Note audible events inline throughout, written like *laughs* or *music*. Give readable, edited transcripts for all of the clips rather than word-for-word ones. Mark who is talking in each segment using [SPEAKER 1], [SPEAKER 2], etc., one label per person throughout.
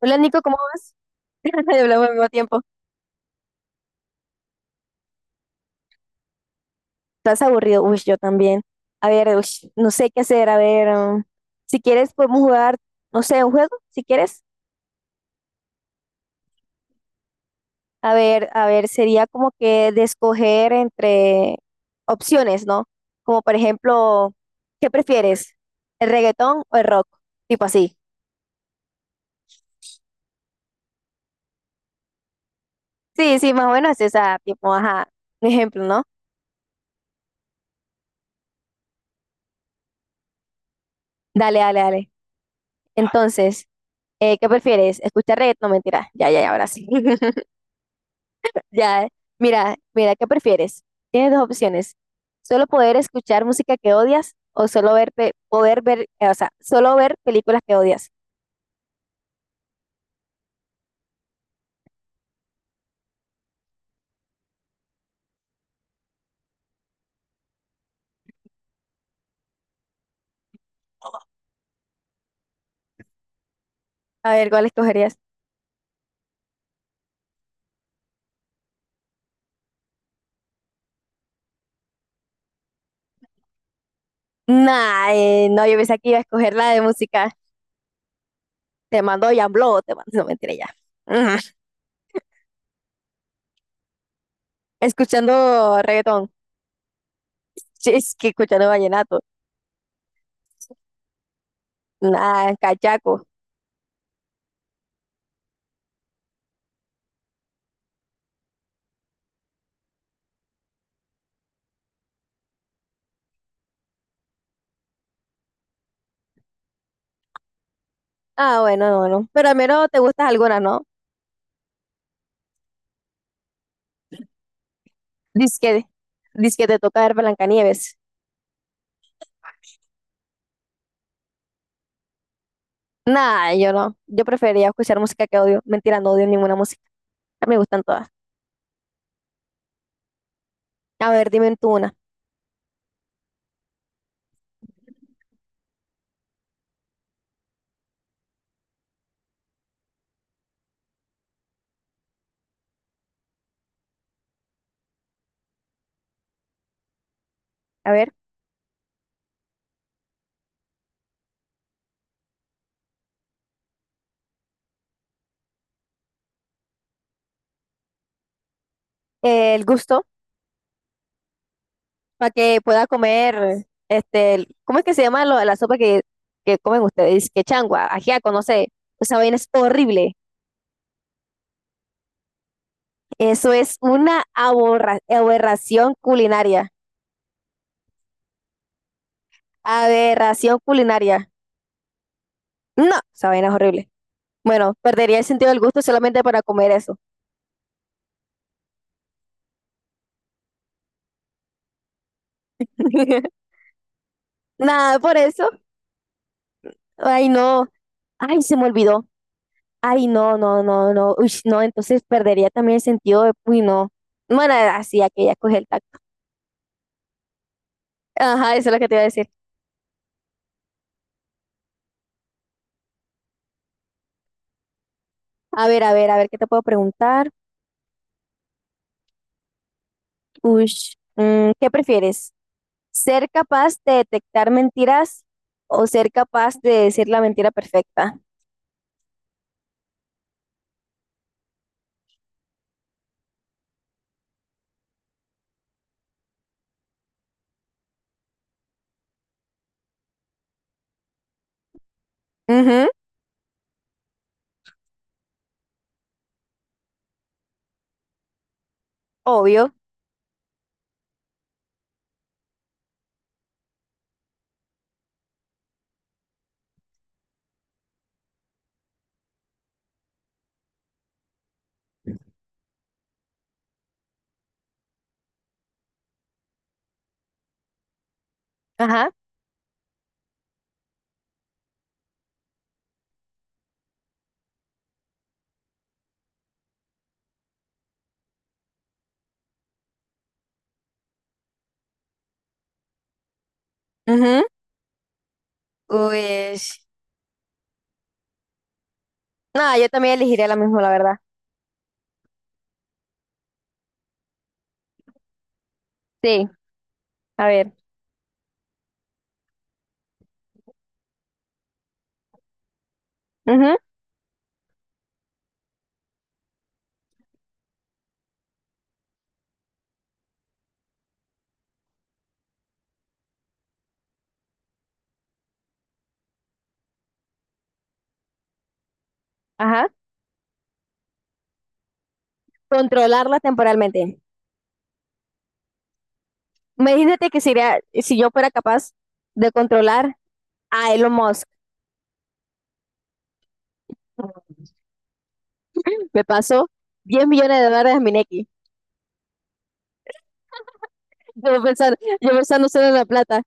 [SPEAKER 1] Hola Nico, ¿cómo vas? *laughs* Ya hablamos al mismo tiempo. ¿Estás aburrido? Uy, yo también. A ver, uy, no sé qué hacer. A ver, si quieres podemos jugar, no sé, un juego, si quieres. A ver, sería como que de escoger entre opciones, ¿no? Como por ejemplo, ¿qué prefieres? ¿El reggaetón o el rock? Tipo así. Sí, sí, más o menos es esa, tipo, ajá, un ejemplo, ¿no? Dale, dale, dale. Entonces, ¿qué prefieres? ¿Escuchar reggaetón? No, mentira. Ya, ya, ya, ahora sí. *laughs* Ya, mira, mira, ¿qué prefieres? Tienes dos opciones. Solo poder escuchar música que odias o solo ver, poder ver, o sea, solo ver películas que odias. A ver, ¿cuál escogerías? Nah, no, yo pensé que iba a escoger la de música. Te mando Yamblo, te mando, no, mentira ya. Ujú. Escuchando reggaetón. Sí, es que escuchando vallenato. Nah, cachaco. Ah, bueno, no, no. Pero al menos te gustas algunas, ¿no? Dice que, te toca ver Blancanieves. Nada, yo no. Yo preferiría escuchar música que odio. Mentira, no odio ninguna música. Ah, me gustan todas. A ver, dime tú una. A ver, el gusto para que pueda comer, este, ¿cómo es que se llama la sopa que comen ustedes? Que changua, ajiaco, no sé. Esa vaina es horrible. Eso es una aberración culinaria. Aberración culinaria. No, esa vaina es horrible. Bueno, perdería el sentido del gusto solamente para comer eso. *laughs* Nada, por eso. Ay, no. Ay, se me olvidó. Ay, no, no, no, no. Uy, no, entonces perdería también el sentido de, uy, no. Bueno, así, aquí ya coge el tacto. Ajá, eso es lo que te iba a decir. A ver, a ver, a ver, ¿qué te puedo preguntar? Uy, mm, ¿qué prefieres? ¿Ser capaz de detectar mentiras o ser capaz de decir la mentira perfecta? Ujú, obvio. Ajá. Ujú. Uy, no, yo también elegiría la misma, la verdad. Sí, a ver. Ujú, ajá. Controlarla temporalmente. Imagínate que sería, si yo fuera capaz de controlar a Elon Musk, me pasó 10 millones de dólares a Mineki. Yo pensando solo en la plata,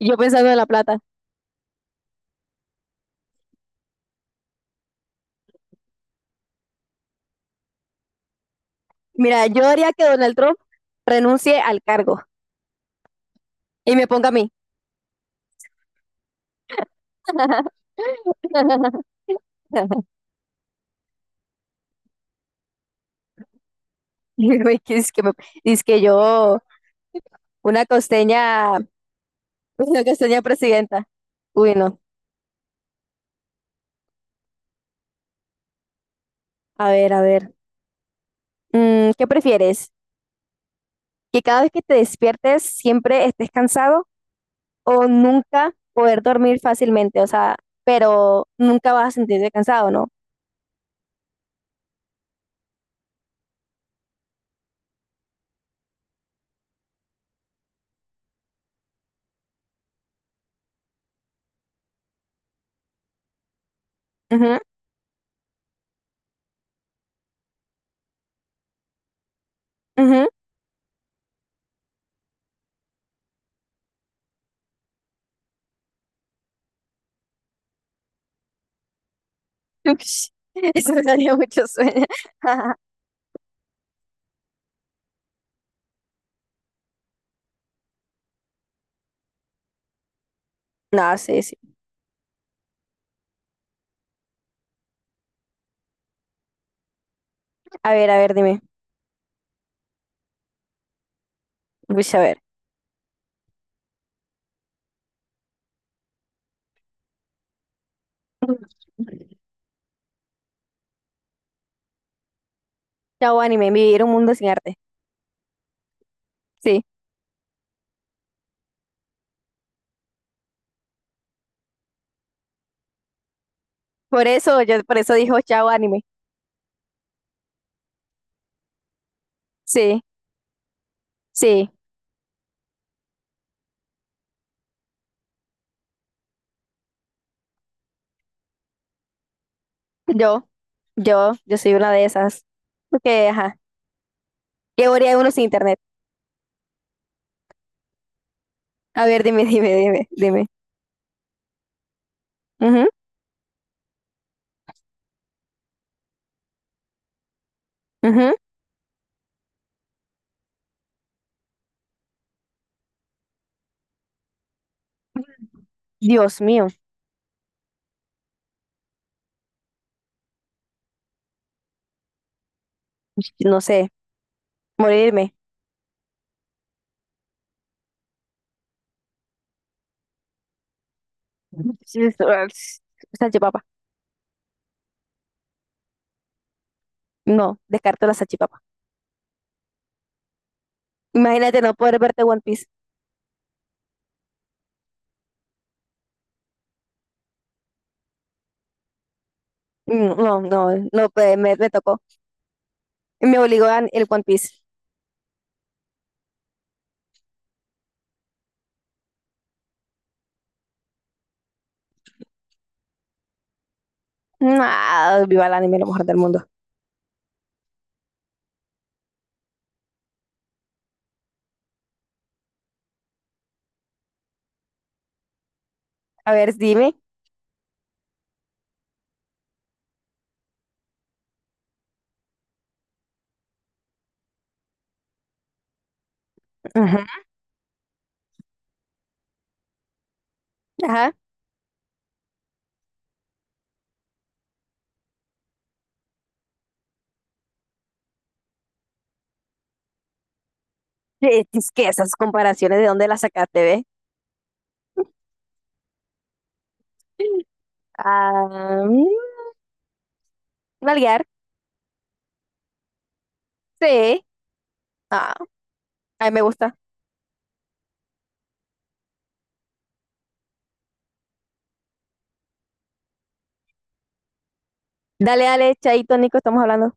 [SPEAKER 1] yo pensando en la plata. Mira, yo haría que Donald Trump renuncie al cargo y me ponga a mí. *laughs* Dice que, es que, dice que yo, una costeña, una costeña presidenta. Uy, no. A ver, a ver. Mm, ¿qué prefieres? ¿Que cada vez que te despiertes siempre estés cansado o nunca poder dormir fácilmente, o sea, pero nunca vas a sentirte cansado, ¿no? Ujú, ujú. *laughs* Ush, eso me daría mucho sueño. *laughs* No, sí, sí. A ver, dime. Ush, a ver. Chao anime, vivir un mundo sin arte. Sí. Por eso, yo por eso dijo chao anime. Sí, sí. Yo, yo soy una de esas. Porque, ajá. ¿Qué haría uno sin internet? A ver, dime, dime, dime, dime. Ujú, ujú. Dios mío. No sé. Morirme. Sí, salchipapa. No, descarto la salchipapa. Imagínate no poder verte One Piece. Mm, no, no, no, pues, me tocó. Me obligó el One Piece. Ah, viva el anime, lo mejor del mundo. A ver, dime. Ujú, ajá. Es que esas comparaciones, ¿de dónde las sacaste, ve? Ah, mm, nalguear. Sí. Ah, a mí me gusta. Dale, dale, Chaito, Nico, estamos hablando.